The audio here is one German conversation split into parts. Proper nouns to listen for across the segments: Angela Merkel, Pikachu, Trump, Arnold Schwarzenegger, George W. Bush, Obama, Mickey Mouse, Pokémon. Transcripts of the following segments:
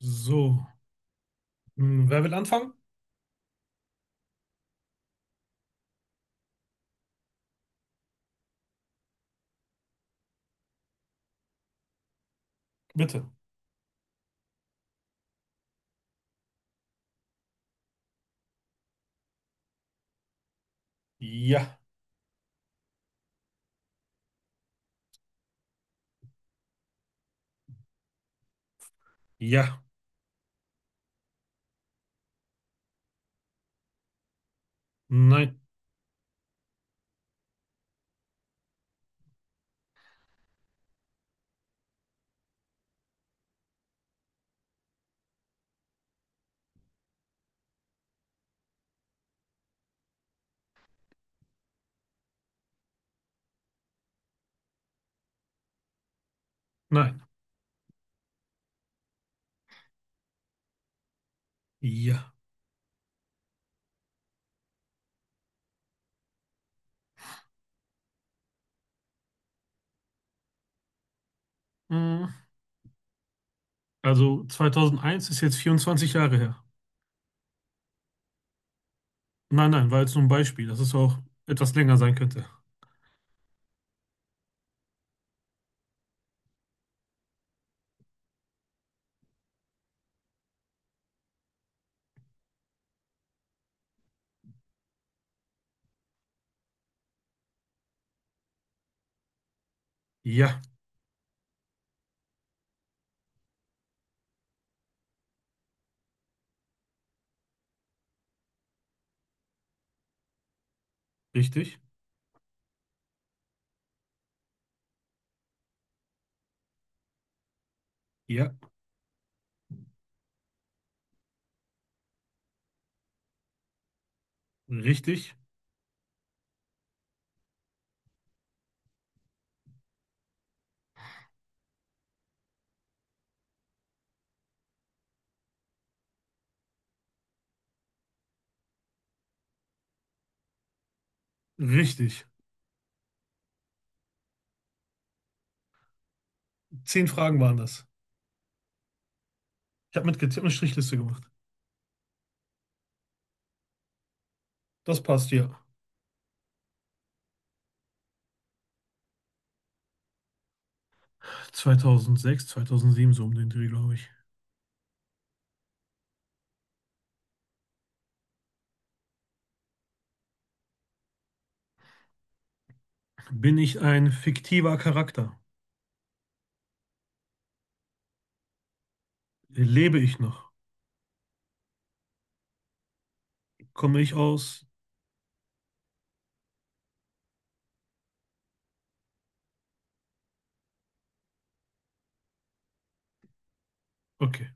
So, hm, wer will anfangen? Bitte. Ja, ja, nein, nein, ja. Hm, also 2001 ist jetzt 24 Jahre her. Nein, nein, war jetzt nur ein Beispiel, dass es auch etwas länger sein könnte. Ja, richtig, ja, richtig, richtig. Zehn Fragen waren das. Ich habe mit getippt eine Strichliste gemacht. Das passt, ja. 2006, 2007, so um den Dreh, glaube ich. Bin ich ein fiktiver Charakter? Lebe ich noch? Komme ich aus, okay,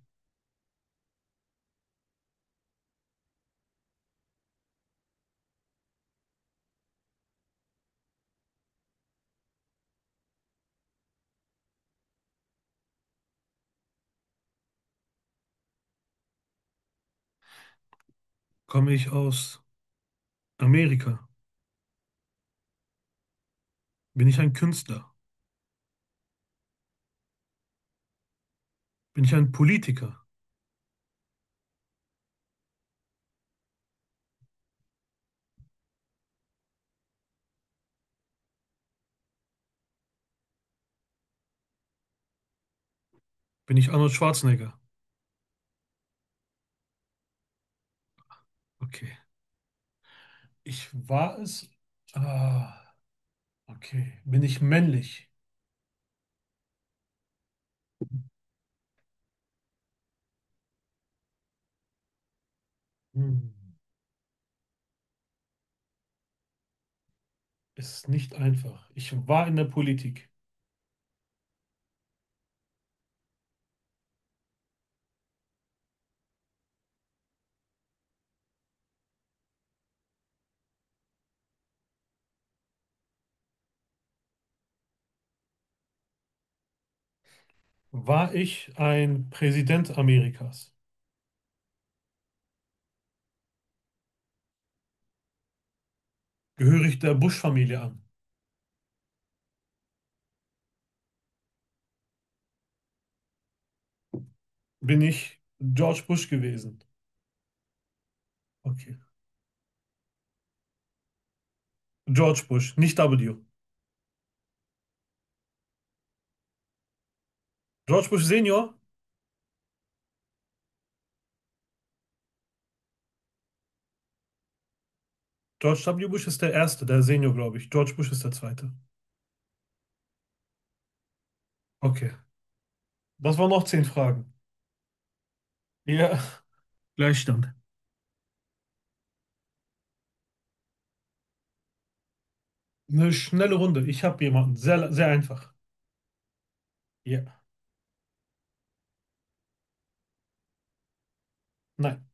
komme ich aus Amerika? Bin ich ein Künstler? Bin ich ein Politiker? Bin ich Arnold Schwarzenegger? Okay. Ich war es. Ah, okay. Bin ich männlich? Hm. Ist nicht einfach. Ich war in der Politik. War ich ein Präsident Amerikas? Gehöre ich der Bush-Familie an? Bin ich George Bush gewesen? Okay. George Bush, nicht W. George Bush Senior? George W. Bush ist der Erste, der Senior, glaube ich. George Bush ist der Zweite. Okay. Das waren noch 10 Fragen. Ja. Gleichstand. Eine schnelle Runde. Ich habe jemanden. Sehr, sehr einfach. Ja. Nein.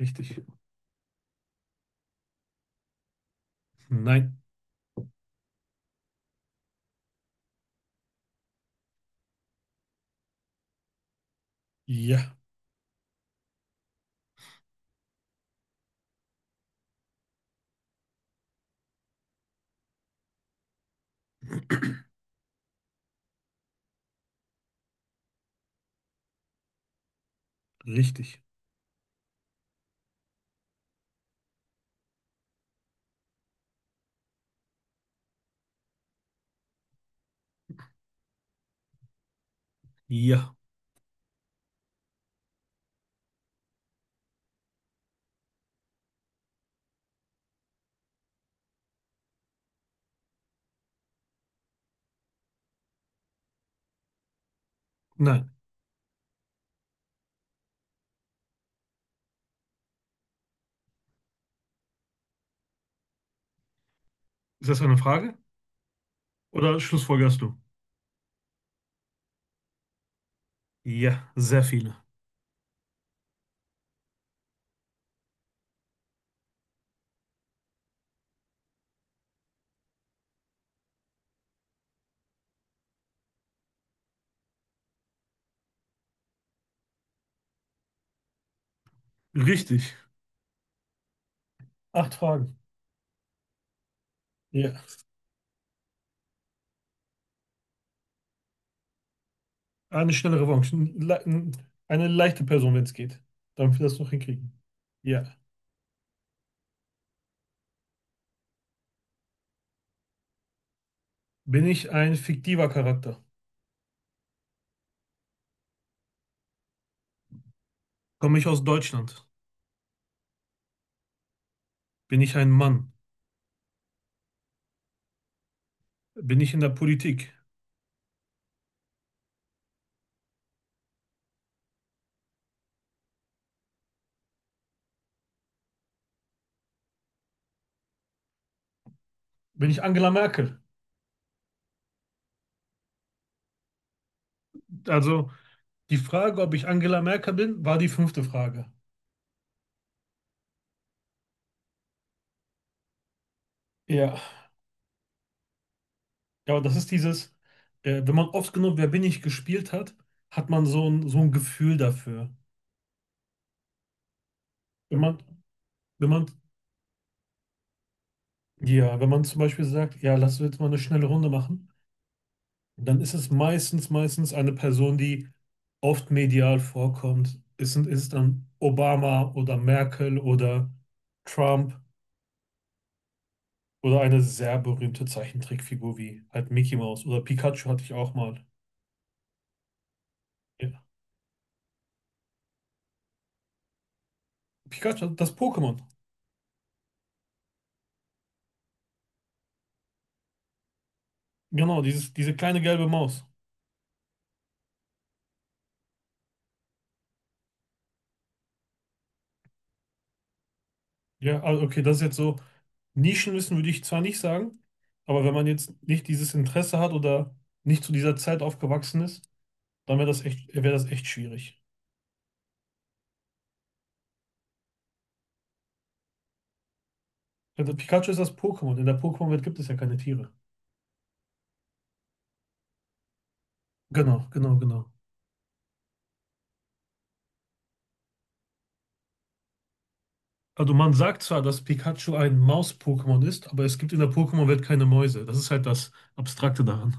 Richtig. Nein. Ja. Richtig. Ja. Nein. Ist das eine Frage? Oder schlussfolgerst du? Ja, sehr viele. Richtig. Acht Fragen. Ja. Ah, eine schnelle Revanche. Eine leichte Person, wenn es geht. Damit wir das noch hinkriegen. Ja. Bin ich ein fiktiver Charakter? Komme ich aus Deutschland? Bin ich ein Mann? Bin ich in der Politik? Bin ich Angela Merkel? Also die Frage, ob ich Angela Merkel bin, war die fünfte Frage. Ja. Ja, und das ist dieses, wenn man oft genug Wer bin ich gespielt hat, hat man so ein Gefühl dafür. Wenn man, wenn man, ja, wenn man zum Beispiel sagt, ja, lass uns jetzt mal eine schnelle Runde machen. Dann ist es meistens eine Person, die oft medial vorkommt. Ist dann Obama oder Merkel oder Trump oder eine sehr berühmte Zeichentrickfigur wie halt Mickey Mouse oder Pikachu hatte ich auch mal. Ja. Pikachu, das Pokémon. Genau, dieses, diese kleine gelbe Maus. Ja, also okay, das ist jetzt so. Nischenwissen würde ich zwar nicht sagen, aber wenn man jetzt nicht dieses Interesse hat oder nicht zu dieser Zeit aufgewachsen ist, dann wäre das echt schwierig. Ja, das Pikachu ist das Pokémon. In der Pokémon-Welt gibt es ja keine Tiere. Genau, genau, genau. Also man sagt zwar, dass Pikachu ein Maus-Pokémon ist, aber es gibt in der Pokémon-Welt keine Mäuse. Das ist halt das Abstrakte daran.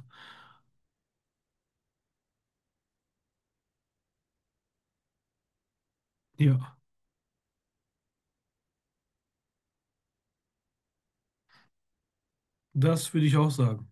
Ja, das würde ich auch sagen.